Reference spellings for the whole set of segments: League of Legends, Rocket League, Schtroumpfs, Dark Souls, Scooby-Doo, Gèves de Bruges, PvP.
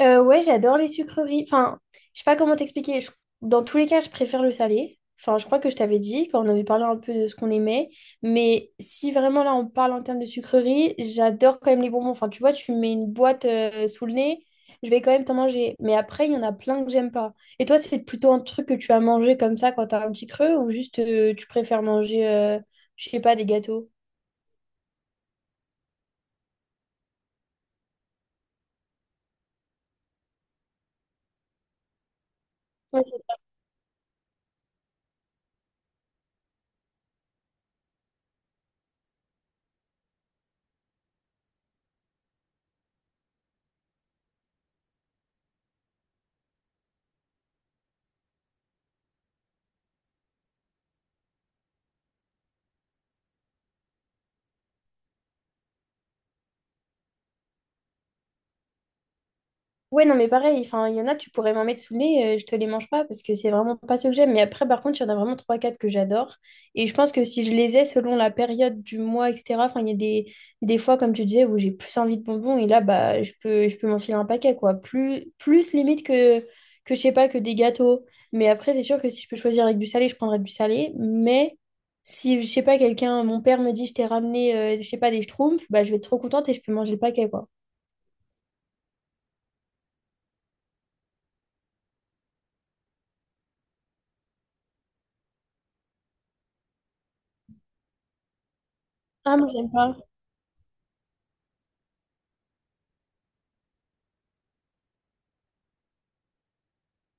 Ouais, j'adore les sucreries. Enfin, je sais pas comment t'expliquer. Je- Dans tous les cas, je préfère le salé. Enfin, je crois que je t'avais dit quand on avait parlé un peu de ce qu'on aimait. Mais si vraiment là, on parle en termes de sucreries, j'adore quand même les bonbons. Enfin, tu vois, tu me mets une boîte sous le nez, je vais quand même t'en manger. Mais après, il y en a plein que j'aime pas. Et toi, c'est plutôt un truc que tu as mangé comme ça quand t'as un petit creux ou juste tu préfères manger, je sais pas, des gâteaux? Ouais, non, mais pareil, enfin, il y en a, tu pourrais m'en mettre sous le nez, je te les mange pas parce que c'est vraiment pas ce que j'aime. Mais après, par contre, il y en a vraiment trois quatre que j'adore. Et je pense que si je les ai selon la période du mois, etc., enfin, il y a des fois, comme tu disais, où j'ai plus envie de bonbons et là, bah, je peux m'enfiler un paquet, quoi. Plus limite que, je sais pas, que des gâteaux. Mais après, c'est sûr que si je peux choisir avec du salé, je prendrais du salé. Mais si, je sais pas, quelqu'un, mon père me dit, je t'ai ramené, je sais pas, des schtroumpfs, bah, je vais être trop contente et je peux manger le paquet, quoi. Ah, moi, j'aime pas.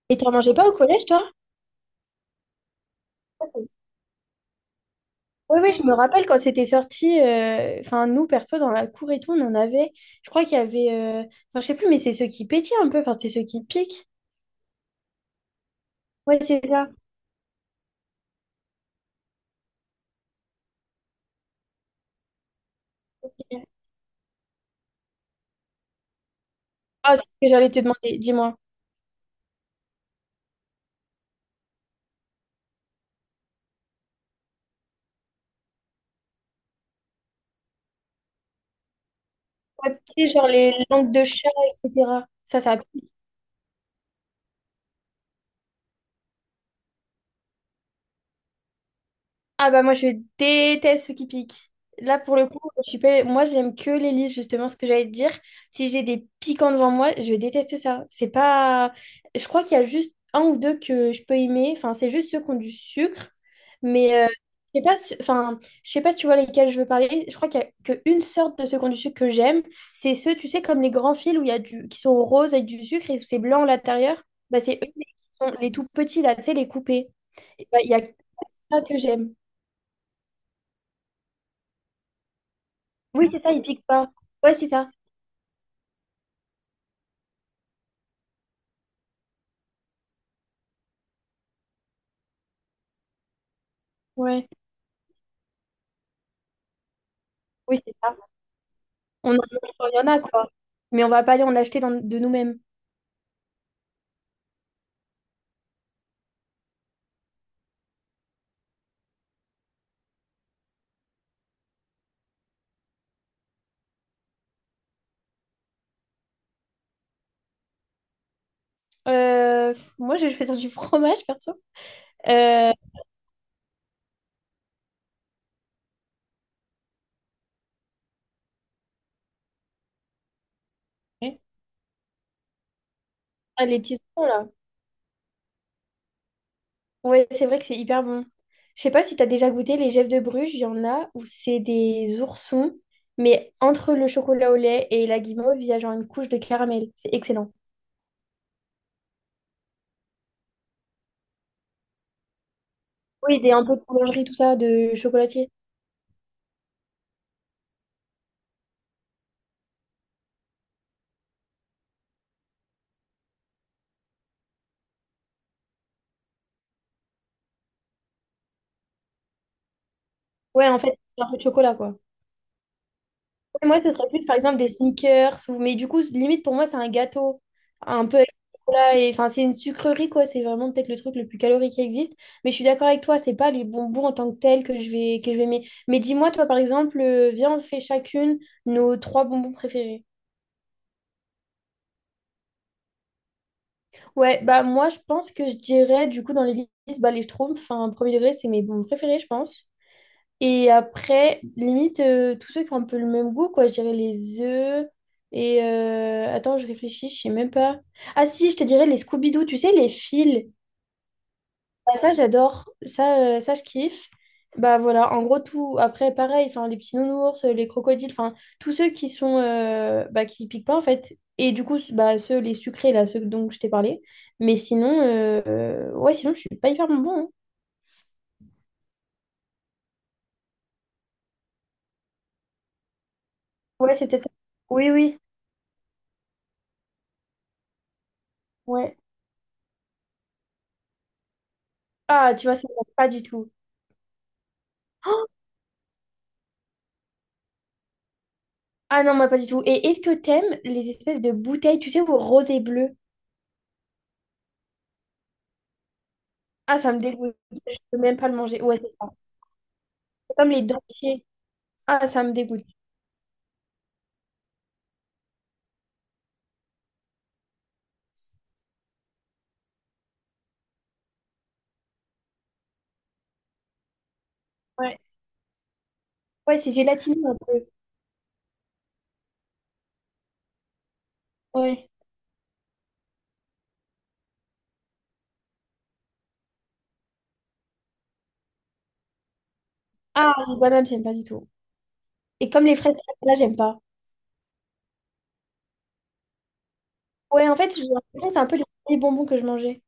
Et t'en mangeais pas au collège, toi? Oui, oui, je me rappelle quand c'était sorti, enfin nous, perso, dans la cour et tout, on en avait, je crois qu'il y avait, enfin je sais plus, mais c'est ceux qui pétillent un peu, enfin c'est ceux qui piquent. Ouais, c'est ça. Ah, c'est ce que j'allais te demander, dis-moi. Ouais, tu sais, genre les langues de chat, etc. Ça a. Ah bah moi je déteste ceux qui piquent. Là pour le coup, je suis pas, moi j'aime que les lys, justement ce que j'allais te dire. Si j'ai des piquants devant moi, je déteste ça. C'est pas, je crois qu'il y a juste un ou deux que je peux aimer, enfin c'est juste ceux qui ont du sucre, mais je sais pas enfin je sais pas si tu vois lesquels je veux parler. Je crois qu'il y a qu'une sorte de ceux qui ont du sucre que j'aime, c'est ceux tu sais comme les grands fils où il y a du qui sont roses avec du sucre et c'est blanc à l'intérieur, bah c'est eux, les tout petits là, tu sais les coupés. Et bah, il y a que ça que j'aime. Oui, c'est ça, ils piquent pas. Ouais, c'est ça. Ouais. Oui, c'est ça. On en Il y en a, quoi. Mais on va pas aller en acheter de nous-mêmes. Pff, moi, je vais faire du fromage, perso. Euh, ah, les petits oignons, là. Ouais, c'est vrai que c'est hyper bon. Je sais pas si t'as déjà goûté les Gèves de Bruges, il y en a où c'est des oursons, mais entre le chocolat au lait et la guimauve, il y a genre une couche de caramel. C'est excellent. Oui, des un peu de boulangerie, tout ça, de chocolatier. Ouais, en fait, c'est un peu de chocolat, quoi. Ouais, moi, ce serait plus, par exemple, des sneakers. Mais du coup, limite, pour moi, c'est un gâteau. Un peu avec du chocolat et, enfin, c'est une sucrerie, quoi. C'est vraiment peut-être le truc le plus calorique qui existe. Mais je suis d'accord avec toi, c'est pas les bonbons en tant que tels que que je vais aimer. Mais dis-moi, toi, par exemple, viens, on fait chacune nos trois bonbons préférés. Ouais, bah moi, je pense que je dirais, du coup, dans les listes, bah, les Schtroumpfs, enfin, premier degré, c'est mes bonbons préférés, je pense. Et après, limite, tous ceux qui ont un peu le même goût, quoi. Je dirais les œufs. Et attends, je réfléchis, je sais même pas. Ah si, je te dirais les Scooby-Doo, tu sais, les fils. Ah, ça, j'adore. Ça, je kiffe. Bah voilà, en gros, tout. Après, pareil, enfin, les petits nounours, les crocodiles, enfin, tous ceux qui sont, bah, qui piquent pas, en fait. Et du coup, bah, ceux, les sucrés, là, ceux dont je t'ai parlé. Mais sinon, ouais, sinon, je suis pas hyper bonbon, hein. Ouais, c'est peut-être ça. Oui, oui, ouais. Ah, tu vois, ça ne pas du tout. Oh. Ah non, moi pas du tout. Et est-ce que t'aimes les espèces de bouteilles, tu sais, au rosé bleu? Ah, ça me dégoûte. Je peux même pas le manger. Ouais, c'est ça. C'est comme les dentiers. Ah, ça me dégoûte. Ouais, ouais, c'est gélatineux un peu. Ouais. Ah, les bananes, j'aime pas du tout. Et comme les fraises, là, j'aime pas. Ouais, en fait, j'ai l'impression que c'est un peu les premiers bonbons que je mangeais.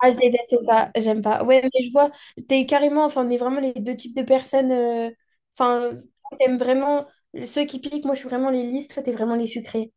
Ah, je déteste ça. J'aime pas. Ouais, mais je vois, t'es carrément, enfin, on est vraiment les deux types de personnes, enfin, t'aimes vraiment ceux qui piquent. Moi, je suis vraiment les lisses. Toi, t'es vraiment les sucrés.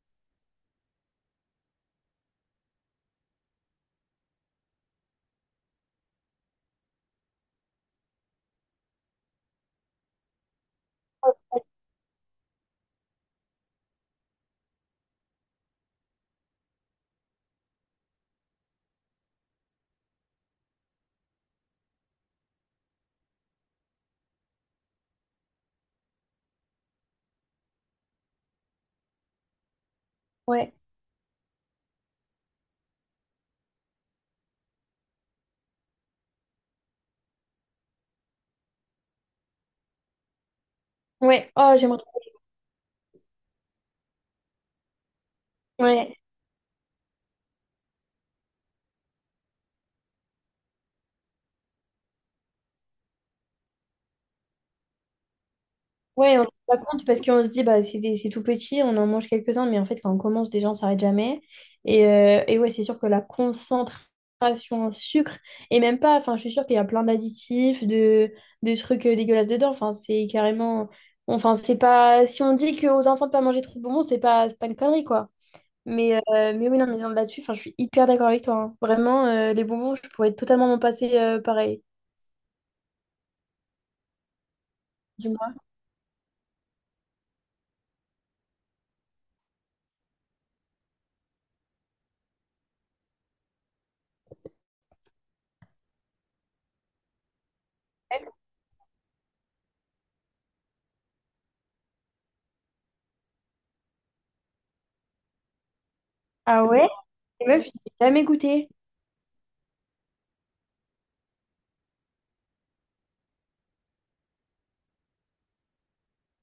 Ouais. Ouais. Oh, j'aimerais. Ouais, ouais, on se rend pas compte parce qu'on se dit bah c'est c'est tout petit, on en mange quelques-uns, mais en fait quand on commence déjà on s'arrête jamais. Et ouais, c'est sûr que la concentration en sucre, et même pas, enfin je suis sûre qu'il y a plein d'additifs, de trucs dégueulasses dedans. Enfin, c'est carrément. Enfin, c'est pas. Si on dit qu'aux enfants de pas manger trop de bonbons, c'est pas une connerie, quoi. Mais, euh, mais oui, non, mais là-dessus, enfin, je suis hyper d'accord avec toi, hein. Vraiment, les bonbons, je pourrais totalement m'en passer pareil. Du moins. Ah ouais? Et meuf, j'ai jamais goûté.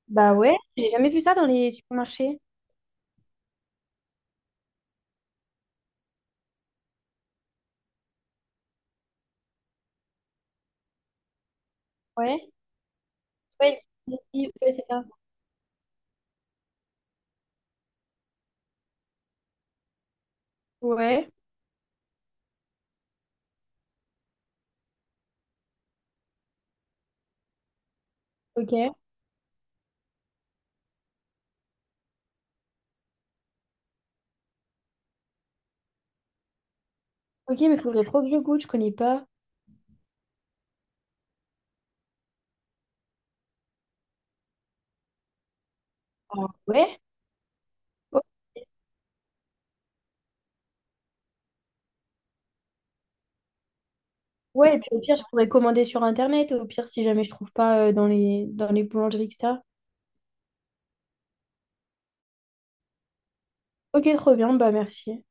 Bah ouais, j'ai jamais vu ça dans les supermarchés. Ouais. Ouais, il- ouais, c'est ça. Ouais. Ok. Ok, mais faudrait trop que je goûte, je connais pas. Ah ouais. Oh, ouais, et puis au pire, je pourrais commander sur Internet, au pire, si jamais je trouve pas dans les boulangeries, etc. Ok, trop bien, bah merci.